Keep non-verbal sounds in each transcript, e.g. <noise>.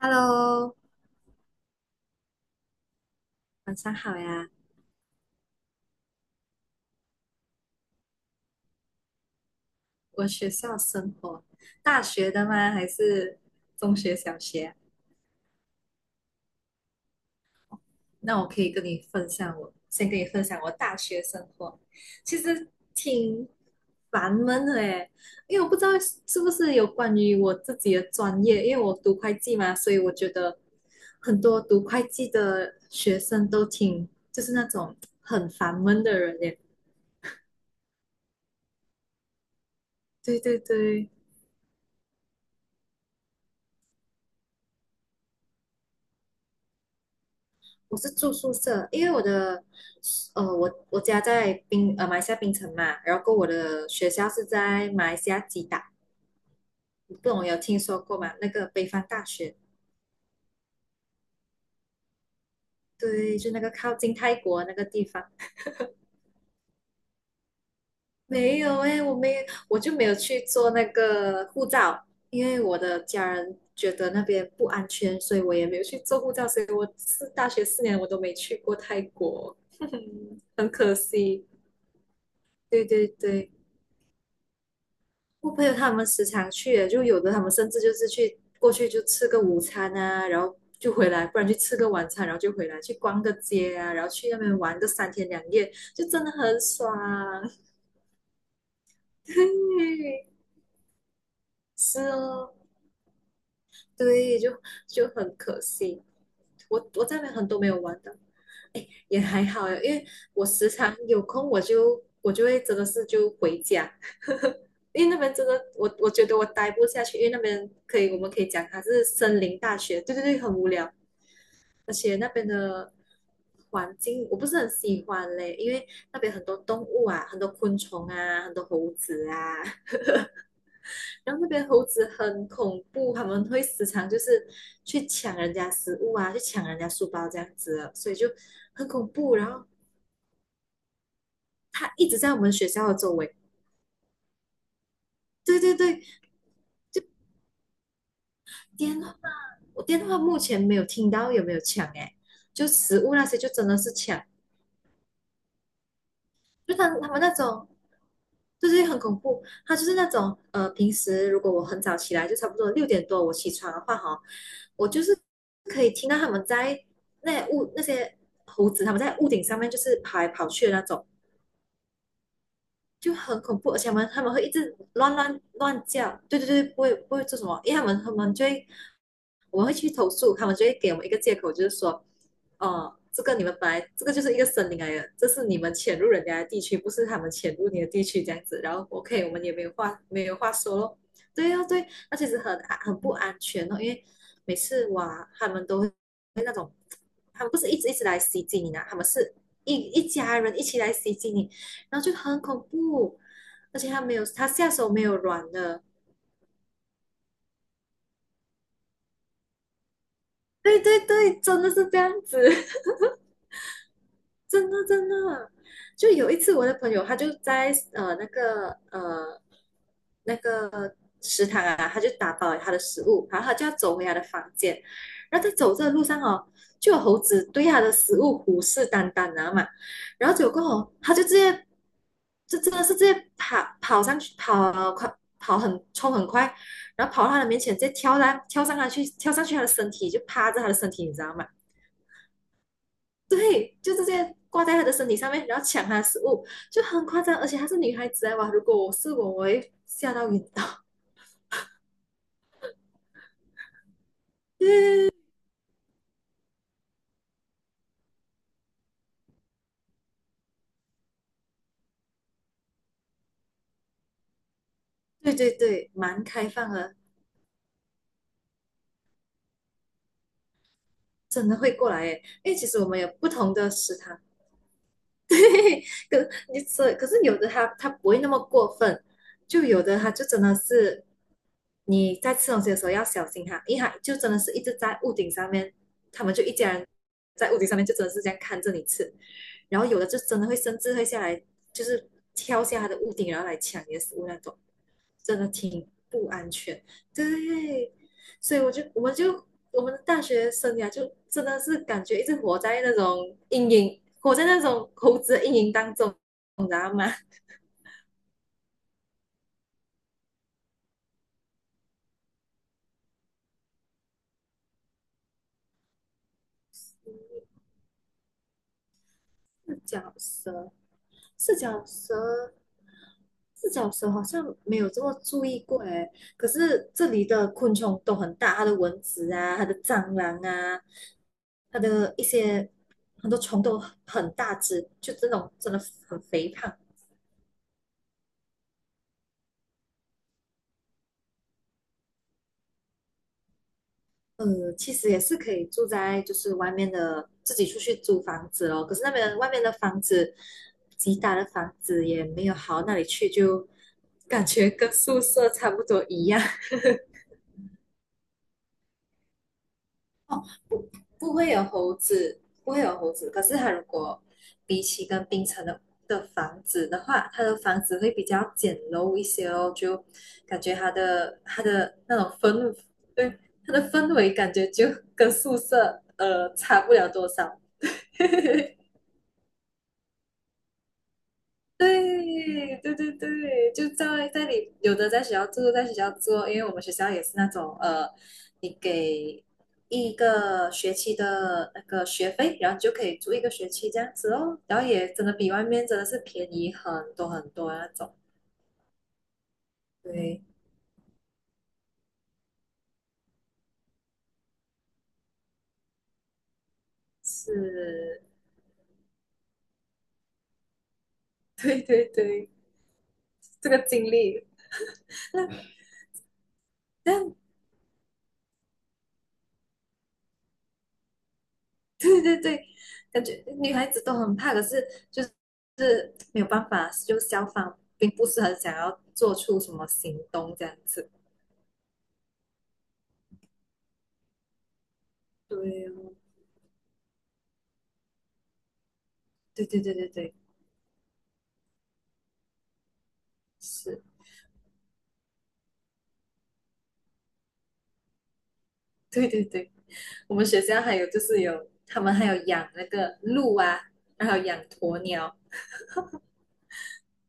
Hello，晚上好呀。我学校生活，大学的吗？还是中学、小学啊。那我可以跟你分享我，先跟你分享我大学生活，其实挺烦闷的诶，因为我不知道是不是有关于我自己的专业，因为我读会计嘛，所以我觉得很多读会计的学生都挺，就是那种很烦闷的人耶。对对对。我是住宿舍，因为我家在马来西亚槟城嘛，然后我的学校是在马来西亚吉打，不懂有听说过吗？那个北方大学，对，就那个靠近泰国那个地方。没有诶，我就没有去做那个护照，因为我的家人觉得那边不安全，所以我也没有去做护照，所以我是大学4年我都没去过泰国，<laughs> 很可惜。对对对。我朋友他们时常去的，就有的他们甚至就是去过去就吃个午餐啊，然后就回来，不然去吃个晚餐，然后就回来去逛个街啊，然后去那边玩个三天两夜，就真的很爽。<laughs> 对，是哦，对，就很可惜，我在那边很多没有玩的，也还好啊，因为我时常有空我就会真的是就回家，因为那边真的，我觉得我待不下去，因为那边可以，我们可以讲它是森林大学，对对对，很无聊，而且那边的环境我不是很喜欢嘞，因为那边很多动物啊，很多昆虫啊，很多猴子啊。<laughs> 然后那边猴子很恐怖，他们会时常就是去抢人家食物啊，去抢人家书包这样子的，所以就很恐怖，然后它一直在我们学校的周围。对对对。电话，我电话目前没有听到有没有抢哎，就食物那些就真的是抢，就他们那种就是很恐怖，他就是那种平时如果我很早起来，就差不多6点多我起床的话哈，我就是可以听到他们在那些猴子他们在屋顶上面就是跑来跑去的那种，就很恐怖，而且他们会一直乱叫。对对对。不会做什么，因为他们他们就会我们会去投诉，他们就会给我们一个借口，就是说，哦，这个你们本来这个就是一个森林来的，这是你们潜入人家的地区，不是他们潜入你的地区这样子。然后 OK，我们也没有话说咯。对哦，对啊，那其实很不安全哦，因为每次哇，他们都会那种，他们不是一直一直来袭击你呢，他们是一家人一起来袭击你，然后就很恐怖，而且他下手没有软的。对对对，真的是这样子。真的真的，就有一次我的朋友他就在那个食堂啊，他就打包了他的食物，然后他就要走回他的房间，然后在走这个路上哦，就有猴子对他的食物虎视眈眈啊嘛，然后结果过后他就直接就真的是直接跑跑上去跑快跑很冲很快，然后跑到他的面前，直接跳上跳上他去跳上去他的身体，就趴着他的身体，你知道吗？<laughs> 对，就直接挂在他的身体上面，然后抢他的食物，就很夸张。而且她是女孩子啊，哇！如果我是我，我会吓到晕倒。<laughs> 对对对对，蛮开放的。真的会过来哎，因为其实我们有不同的食堂。对。可你所可是有的它不会那么过分，就有的它就真的是你在吃东西的时候要小心它，因为它就真的是一直在屋顶上面，他们就一家人在屋顶上面就真的是这样看着你吃，然后有的就真的会甚至会下来，就是跳下它的屋顶然后来抢你的食物那种，真的挺不安全。对，所以我就我们就我们的大学生涯就真的是感觉一直活在那种阴影，活在那种猴子的阴影当中，你知道吗？四脚蛇，四脚蛇，四脚蛇好像没有这么注意过哎。可是这里的昆虫都很大，它的蚊子啊，它的蟑螂啊，它的一些很多虫都很大只，就这种真的很肥胖。其实也是可以住在就是外面的，自己出去租房子咯。可是那边外面的房子，吉打的房子也没有好到哪里去，就 <laughs> 感觉跟宿舍差不多一样。<laughs> 不不会有猴子，不会有猴子。可是它如果比起跟槟城的房子的话，它的房子会比较简陋一些哦，就感觉它的那种氛，对，它的氛围感觉就跟宿舍差不了多少。对对对对，就在里，有的在学校住，在学校住，因为我们学校也是那种你给一个学期的那个学费，然后你就可以住一个学期这样子哦，然后也真的比外面真的是便宜很多很多那种。对。是。<laughs> 对对对，这个经历。那那。对对对，感觉女孩子都很怕，可是就是没有办法，就消防并不是很想要做出什么行动这样子。对哦。对对对对对。是。对对对，我们学校还有他们还有养那个鹿啊，然后养鸵鸟，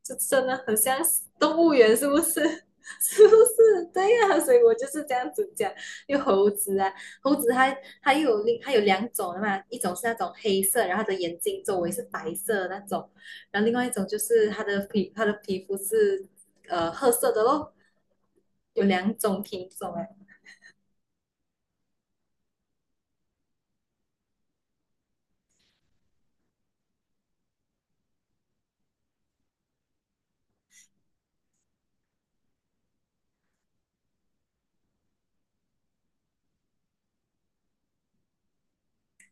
这真的很像动物园，是不是？<laughs> 是不是？对呀、所以我就是这样子讲。因为猴子啊，猴子它它又有另它有两种的嘛，一种是那种黑色，然后它的眼睛周围是白色的那种，然后另外一种就是它的皮肤是褐色的咯，有两种品种哎。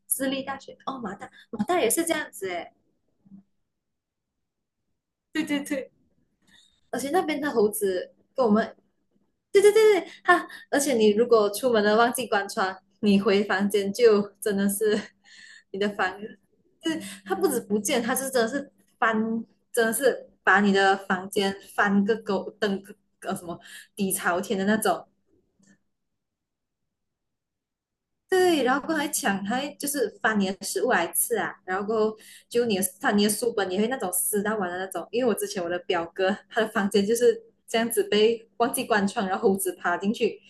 私立大学哦，马大也是这样子哎。对对对，而且那边的猴子跟我们，对对对对，而且你如果出门了忘记关窗，你回房间就真的是你的房，就是它不止不见，它是真的是翻，真的是把你的房间翻个狗，登个呃什么底朝天的那种，对，然后还抢，还就是翻你的食物来吃啊，然后过后就你的他你的书本也会那种撕到完的那种，因为我之前我的表哥他的房间就是这样子被忘记关窗，然后猴子爬进去，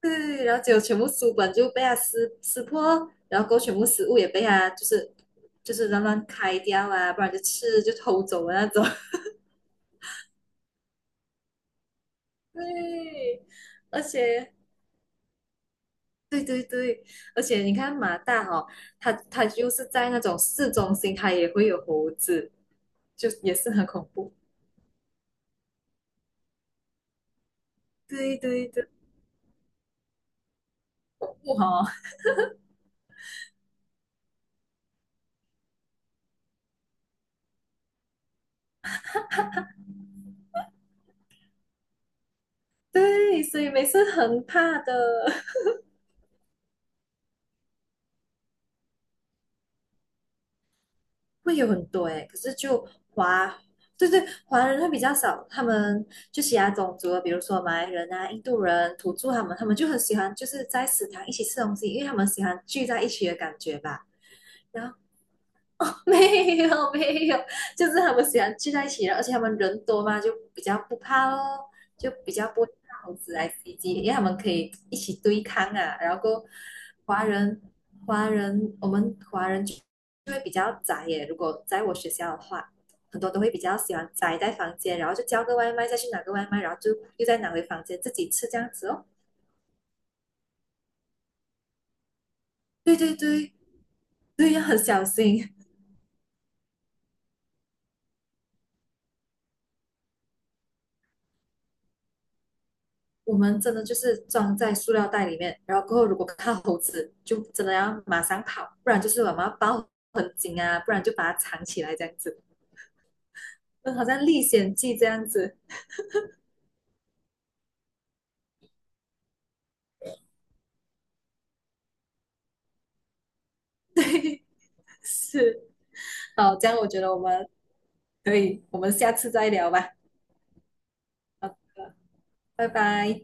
对，然后就全部书本就被他撕破，然后过后全部食物也被他就是乱乱开掉啊，不然就偷走的那种。<laughs> 对。而且对对对，而且你看马大哈、哦，它就是在那种市中心，他也会有猴子，就也是很恐怖。对对对，恐怖哈哦。<laughs> 对，所以每次很怕的。会有很多诶，可是对对，华人会比较少，他们就其他种族的比如说马来人啊、印度人、土著他们，他们就很喜欢就是在食堂一起吃东西，因为他们喜欢聚在一起的感觉吧。然后。<laughs> 没有没有，就是他们喜欢聚在一起了而且他们人多嘛，就比较不怕咯，就比较不会怕猴子来袭击，因为他们可以一起对抗啊。然后过华人，华人我们华人就会比较宅耶。如果在我学校的话，很多都会比较喜欢宅在房间，然后就叫个外卖，再去拿个外卖，然后就又再拿回房间自己吃这样子哦。对对对。对，要很小心。我们真的就是装在塑料袋里面，然后过后如果看到猴子，就真的要马上跑，不然就是我们要抱很紧啊，不然就把它藏起来这样子，就好像历险记这样子。是。好，这样我觉得我们下次再聊吧。好，拜拜。